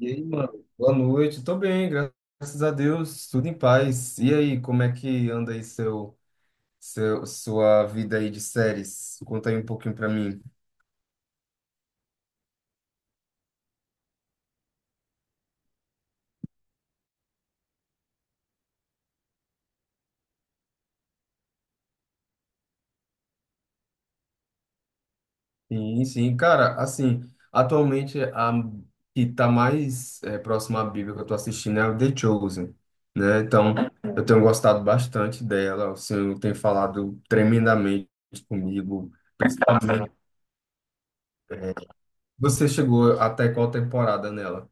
E aí, mano? Boa noite. Tô bem, graças a Deus. Tudo em paz. E aí, como é que anda aí sua vida aí de séries? Conta aí um pouquinho pra mim. Sim, sim. Cara, assim, atualmente a que tá mais próxima à Bíblia que eu tô assistindo é a The Chosen, né? Então, eu tenho gostado bastante dela, assim, tem falado tremendamente comigo. Você chegou até qual temporada nela?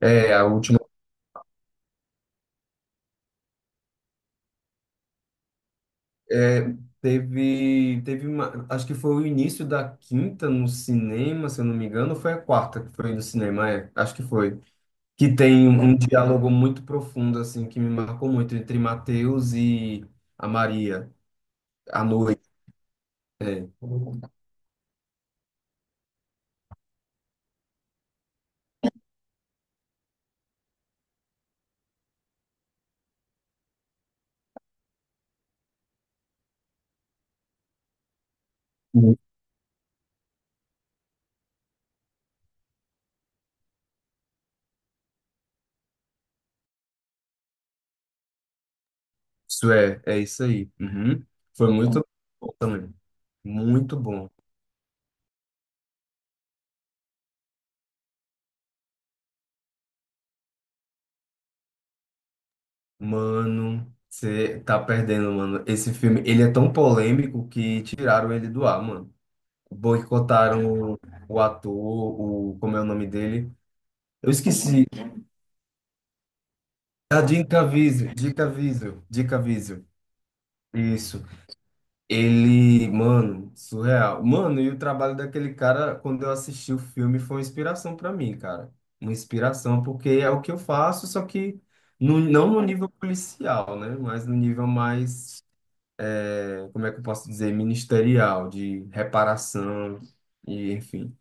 É, a última É, teve, teve uma, acho que foi o início da quinta no cinema, se eu não me engano, ou foi a quarta que foi no cinema, acho que foi. Que tem um diálogo muito profundo, assim, que me marcou muito entre Mateus e a Maria, à noite. É. Isso é isso aí. Uhum. Foi muito bom também. Muito bom. Mano, você tá perdendo, mano. Esse filme, ele é tão polêmico que tiraram ele do ar, mano. Boicotaram o ator, como é o nome dele? Eu esqueci. Ah, Jim Caviezel, Jim Caviezel, Jim Caviezel. Isso. Ele, mano, surreal. Mano, e o trabalho daquele cara, quando eu assisti o filme, foi uma inspiração pra mim, cara. Uma inspiração, porque é o que eu faço, só que no, não no nível policial, né? Mas no nível mais, como é que eu posso dizer, ministerial, de reparação e enfim.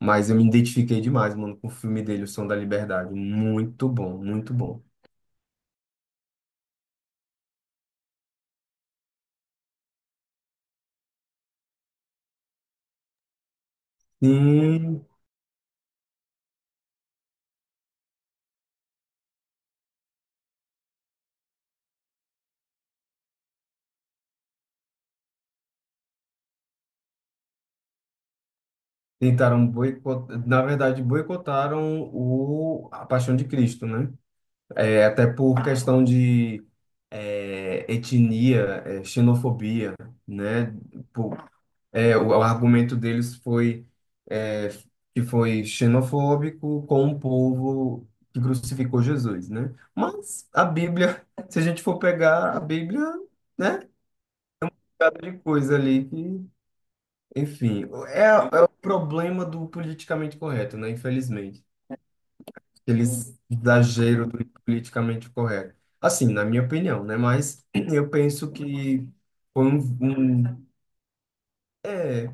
Mas eu me identifiquei demais, mano, com o filme dele, O Som da Liberdade. Muito bom, muito bom. Sim, tentaram boicotar, na verdade, boicotaram o A Paixão de Cristo, né? É, até por questão de etnia, xenofobia, né? Por, o argumento deles foi é, que foi xenofóbico com o povo que crucificou Jesus, né? Mas a Bíblia, se a gente for pegar a Bíblia, né? Cada de coisa ali que, enfim, é o problema do politicamente correto, né? Infelizmente, eles exagero do politicamente correto. Assim, na minha opinião, né? Mas eu penso que foi um, um- é,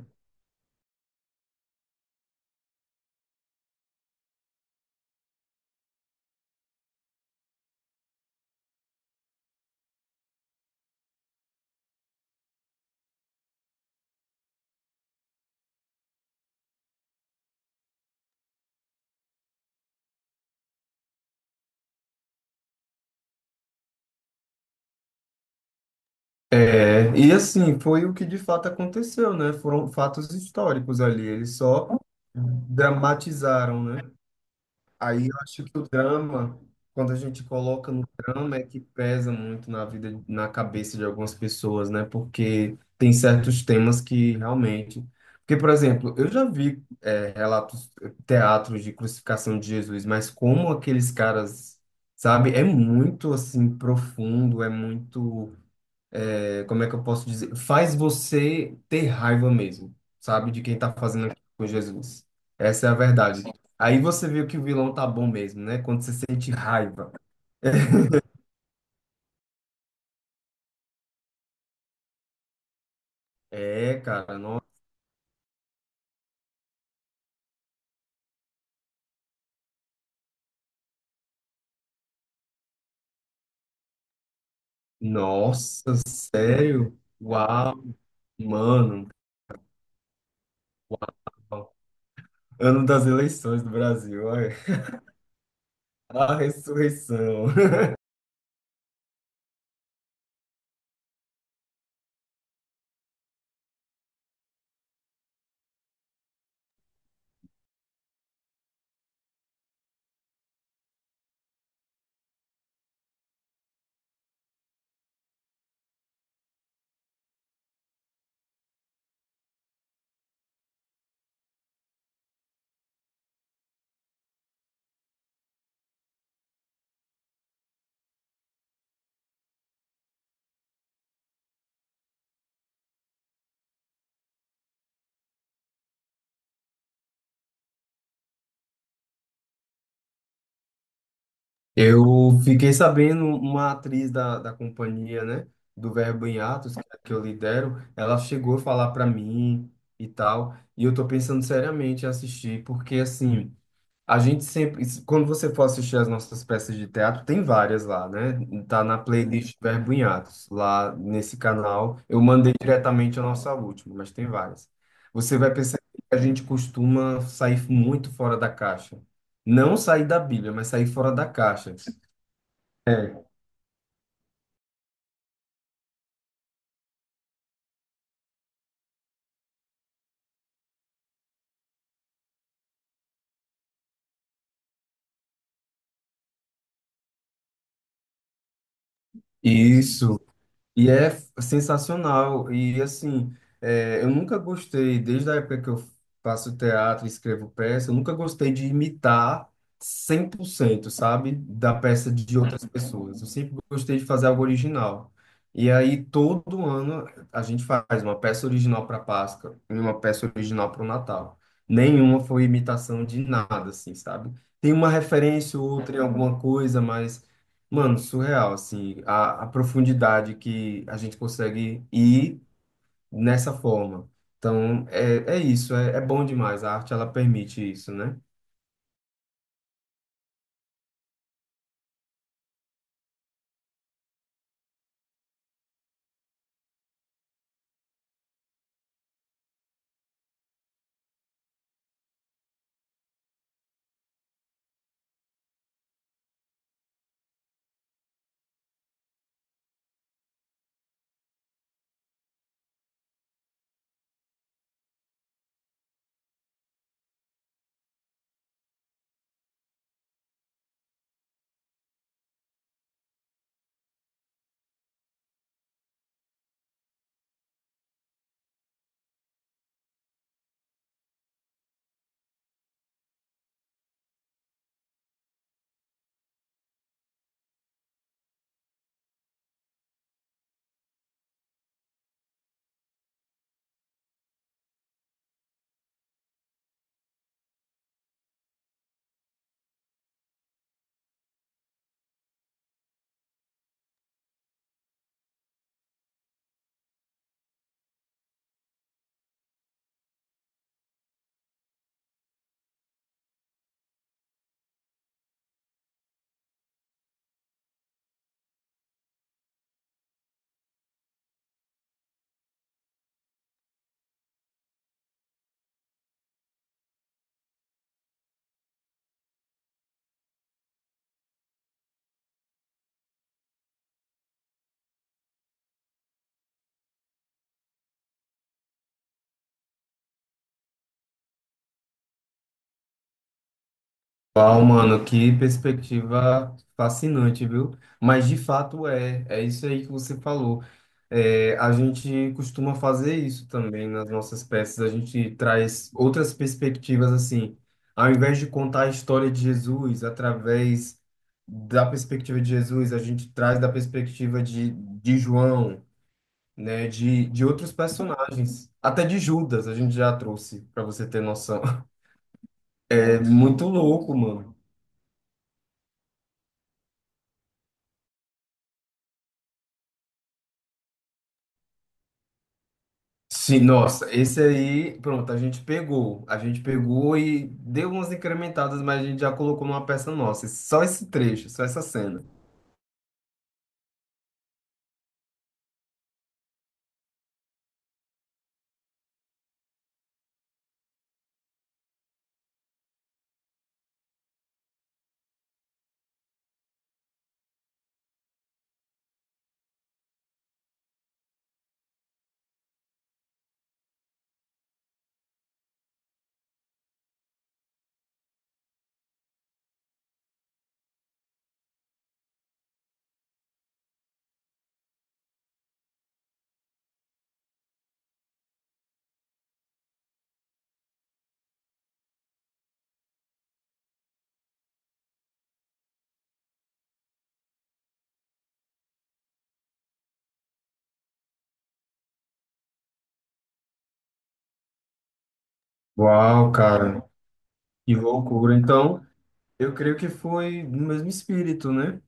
É, e assim, foi o que de fato aconteceu, né? Foram fatos históricos ali, eles só dramatizaram, né? Aí eu acho que o drama, quando a gente coloca no drama, é que pesa muito na vida, na cabeça de algumas pessoas, né? Porque tem certos temas que realmente. Porque, por exemplo, eu já vi, relatos, teatros de crucificação de Jesus, mas como aqueles caras, sabe? É muito assim profundo, é muito como é que eu posso dizer? Faz você ter raiva mesmo, sabe? De quem tá fazendo aquilo com Jesus. Essa é a verdade. Aí você viu que o vilão tá bom mesmo, né? Quando você sente raiva. É, cara, nossa, sério? Uau, mano. Ano das eleições do Brasil, olha. A ressurreição. Eu fiquei sabendo, uma atriz da companhia, né, do Verbo em Atos, que eu lidero, ela chegou a falar para mim e tal, e eu tô pensando seriamente em assistir, porque assim, a gente sempre, quando você for assistir as nossas peças de teatro, tem várias lá, né? Tá na playlist Verbo em Atos, lá nesse canal. Eu mandei diretamente a nossa última, mas tem várias. Você vai perceber que a gente costuma sair muito fora da caixa. Não sair da Bíblia, mas sair fora da caixa. É, isso. E é sensacional. E assim, eu nunca gostei, desde a época que eu faço teatro e escrevo peça, eu nunca gostei de imitar 100%, sabe, da peça de outras pessoas. Eu sempre gostei de fazer algo original. E aí, todo ano, a gente faz uma peça original para Páscoa e uma peça original para o Natal. Nenhuma foi imitação de nada, assim, sabe? Tem uma referência ou outra em alguma coisa, mas. Mano, surreal, assim, a profundidade que a gente consegue ir nessa forma. Então, é, é isso, é bom demais. A arte, ela permite isso, né? Uau, mano, que perspectiva fascinante, viu? Mas de fato é isso aí que você falou. É, a gente costuma fazer isso também nas nossas peças, a gente traz outras perspectivas assim. Ao invés de contar a história de Jesus através da perspectiva de Jesus, a gente traz da perspectiva de João, né, de outros personagens, até de Judas a gente já trouxe, para você ter noção. É muito louco, mano. Sim, nossa, esse aí, pronto, a gente pegou. A gente pegou e deu umas incrementadas, mas a gente já colocou numa peça nossa. Só esse trecho, só essa cena. Uau, cara, que loucura. Então, eu creio que foi no mesmo espírito, né?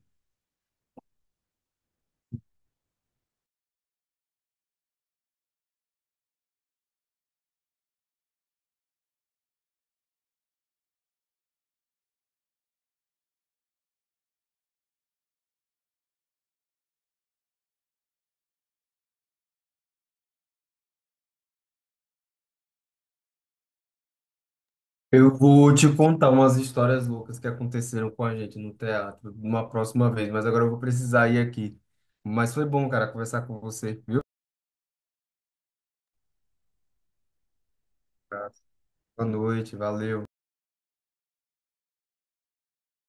Eu vou te contar umas histórias loucas que aconteceram com a gente no teatro uma próxima vez, mas agora eu vou precisar ir aqui. Mas foi bom, cara, conversar com você, viu? Boa noite, valeu.